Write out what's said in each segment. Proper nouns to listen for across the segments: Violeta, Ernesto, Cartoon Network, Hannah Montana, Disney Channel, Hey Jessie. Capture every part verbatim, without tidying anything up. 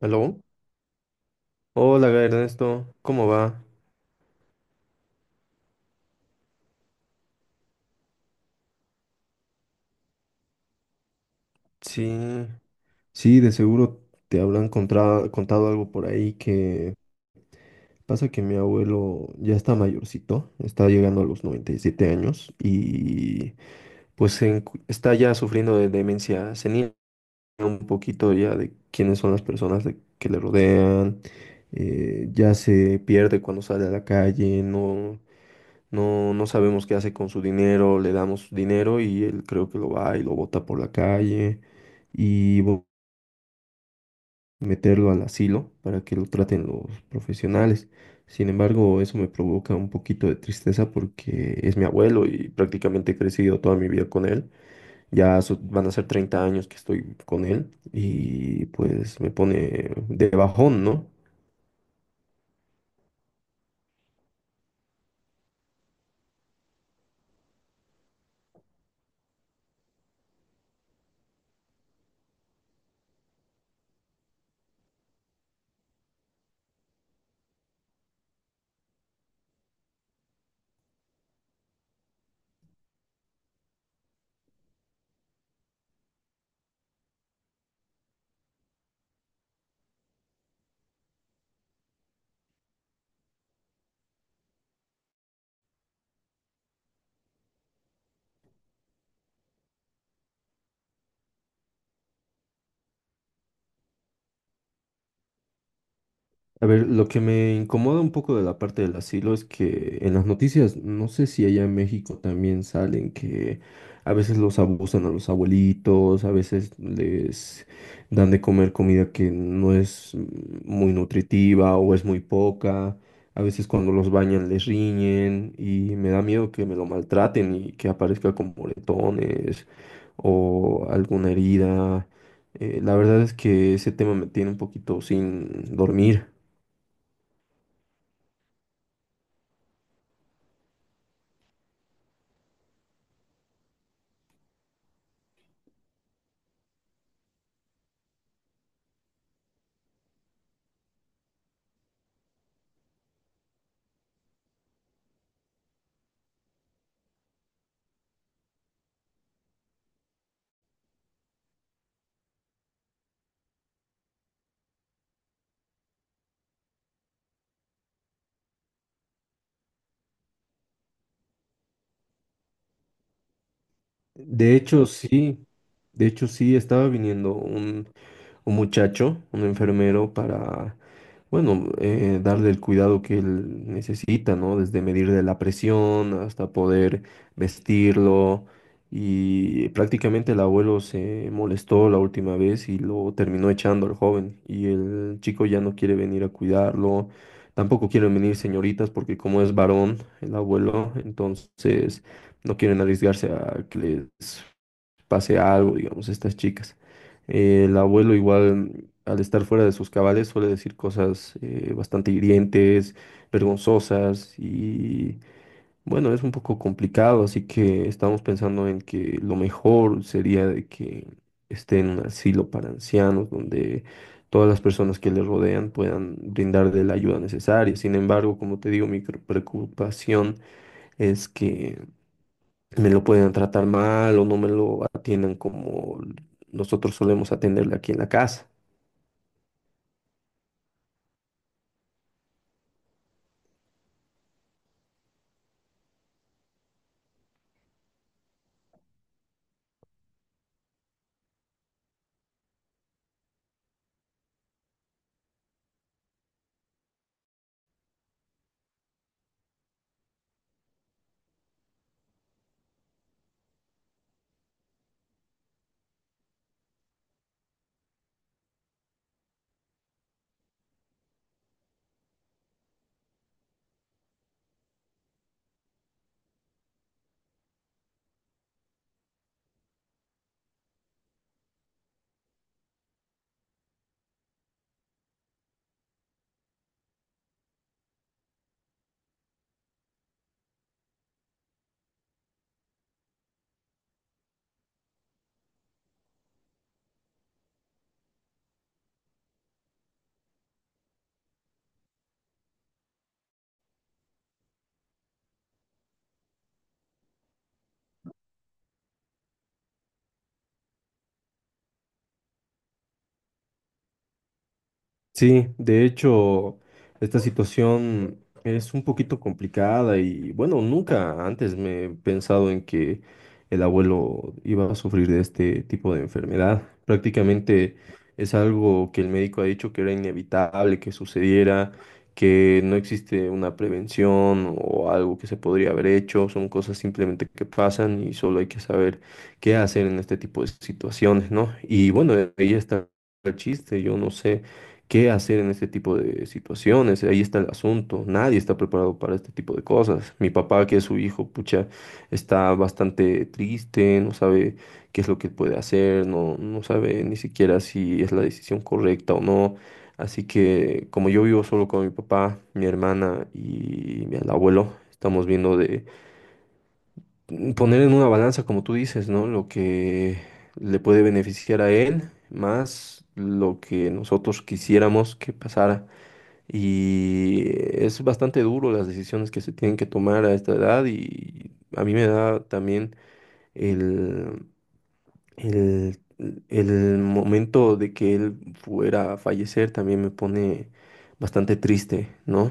¿Aló? Hola, Ernesto, ¿cómo va? Sí, sí, de seguro te habrán contra- contado algo por ahí, que pasa que mi abuelo ya está mayorcito, está llegando a los noventa y siete años y pues se encu- está ya sufriendo de demencia senil, un poquito ya de quiénes son las personas de- que le rodean, eh, ya se pierde cuando sale a la calle. no, No, no sabemos qué hace con su dinero, le damos dinero y él creo que lo va y lo bota por la calle, y bu- meterlo al asilo para que lo traten los profesionales. Sin embargo, eso me provoca un poquito de tristeza porque es mi abuelo y prácticamente he crecido toda mi vida con él. Ya so- van a ser treinta años que estoy con él y pues me pone de bajón, ¿no? A ver, lo que me incomoda un poco de la parte del asilo es que en las noticias, no sé si allá en México también salen, que a veces los abusan a los abuelitos, a veces les dan de comer comida que no es mm, muy nutritiva o es muy poca, a veces cuando los bañan les riñen, y me da miedo que me lo maltraten y que aparezca con moretones o alguna herida. Eh, la verdad es que ese tema me tiene un poquito sin dormir. De hecho, sí, de hecho, sí, estaba viniendo un, un muchacho, un enfermero, para, bueno, eh, darle el cuidado que él necesita, ¿no? Desde medirle la presión hasta poder vestirlo. Y prácticamente el abuelo se molestó la última vez y lo terminó echando al joven. Y el chico ya no quiere venir a cuidarlo. Tampoco quieren venir señoritas porque como es varón el abuelo, entonces no quieren arriesgarse a que les pase algo, digamos, a estas chicas. Eh, el abuelo igual, al estar fuera de sus cabales, suele decir cosas eh, bastante hirientes, vergonzosas, y bueno, es un poco complicado, así que estamos pensando en que lo mejor sería de que esté en un asilo para ancianos donde todas las personas que le rodean puedan brindarle la ayuda necesaria. Sin embargo, como te digo, mi preocupación es que me lo pueden tratar mal o no me lo atienden como nosotros solemos atenderle aquí en la casa. Sí, de hecho, esta situación es un poquito complicada y bueno, nunca antes me he pensado en que el abuelo iba a sufrir de este tipo de enfermedad. Prácticamente es algo que el médico ha dicho que era inevitable que sucediera, que no existe una prevención o algo que se podría haber hecho. Son cosas simplemente que pasan y solo hay que saber qué hacer en este tipo de situaciones, ¿no? Y bueno, ahí está el chiste, yo no sé. ¿Qué hacer en este tipo de situaciones? Ahí está el asunto. Nadie está preparado para este tipo de cosas. Mi papá, que es su hijo, pucha, está bastante triste, no sabe qué es lo que puede hacer, no, no sabe ni siquiera si es la decisión correcta o no. Así que como yo vivo solo con mi papá, mi hermana y mi el abuelo, estamos viendo de poner en una balanza, como tú dices, ¿no? Lo que le puede beneficiar a él, más lo que nosotros quisiéramos que pasara, y es bastante duro las decisiones que se tienen que tomar a esta edad, y a mí me da también el, el, el momento de que él fuera a fallecer también me pone bastante triste, ¿no?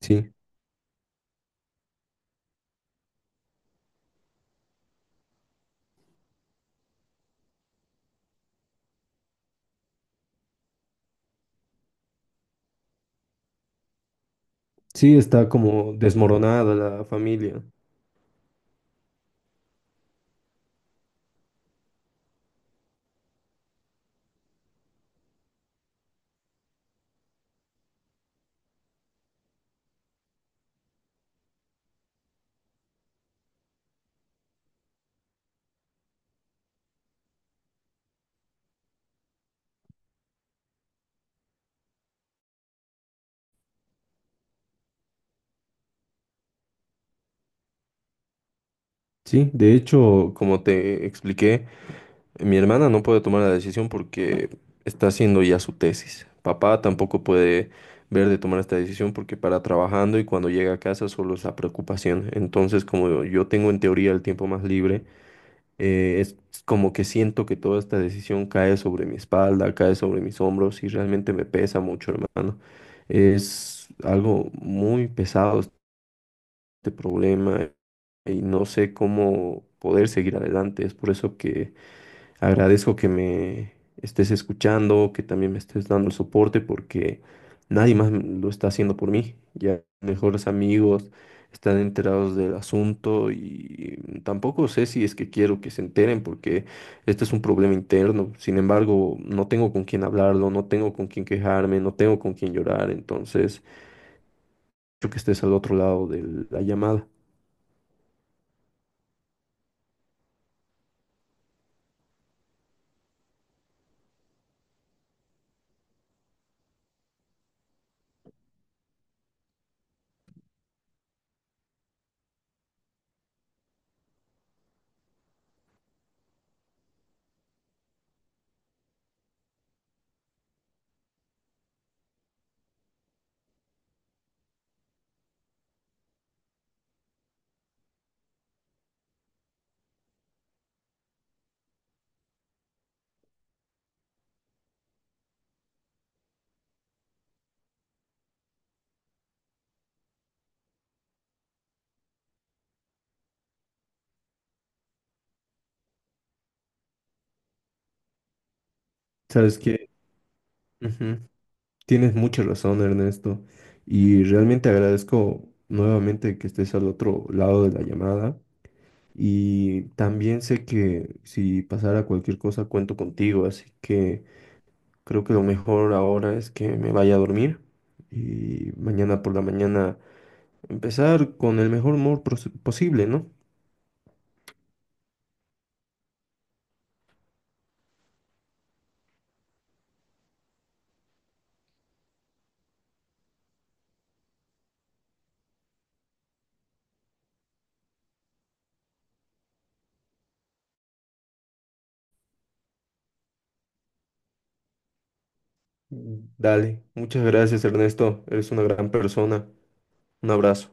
Sí, sí, está como desmoronada la familia. Sí, de hecho, como te expliqué. Mi hermana no puede tomar la decisión porque está haciendo ya su tesis. Papá tampoco puede ver de tomar esta decisión porque para trabajando, y cuando llega a casa solo es la preocupación. Entonces, como yo tengo en teoría el tiempo más libre, eh, es como que siento que toda esta decisión cae sobre mi espalda, cae sobre mis hombros y realmente me pesa mucho, hermano. Es algo muy pesado este problema y no sé cómo poder seguir adelante. Es por eso que agradezco que me estés escuchando, que también me estés dando el soporte, porque nadie más m- lo está haciendo por mí. Ya mejores amigos están enterados del asunto, y tampoco sé si es que quiero que se enteren, porque este es un problema interno. Sin embargo, no tengo con quién hablarlo, no tengo con quién quejarme, no tengo con quién llorar. Entonces, yo que estés al otro lado de la llamada. ¿Sabes qué? Ujú. Tienes mucha razón, Ernesto, y realmente agradezco nuevamente que estés al otro lado de la llamada, y también sé que si pasara cualquier cosa cuento contigo, así que creo que lo mejor ahora es que me vaya a dormir, y mañana por la mañana empezar con el mejor humor pros- posible, ¿no? Dale, muchas gracias, Ernesto, eres una gran persona, un abrazo.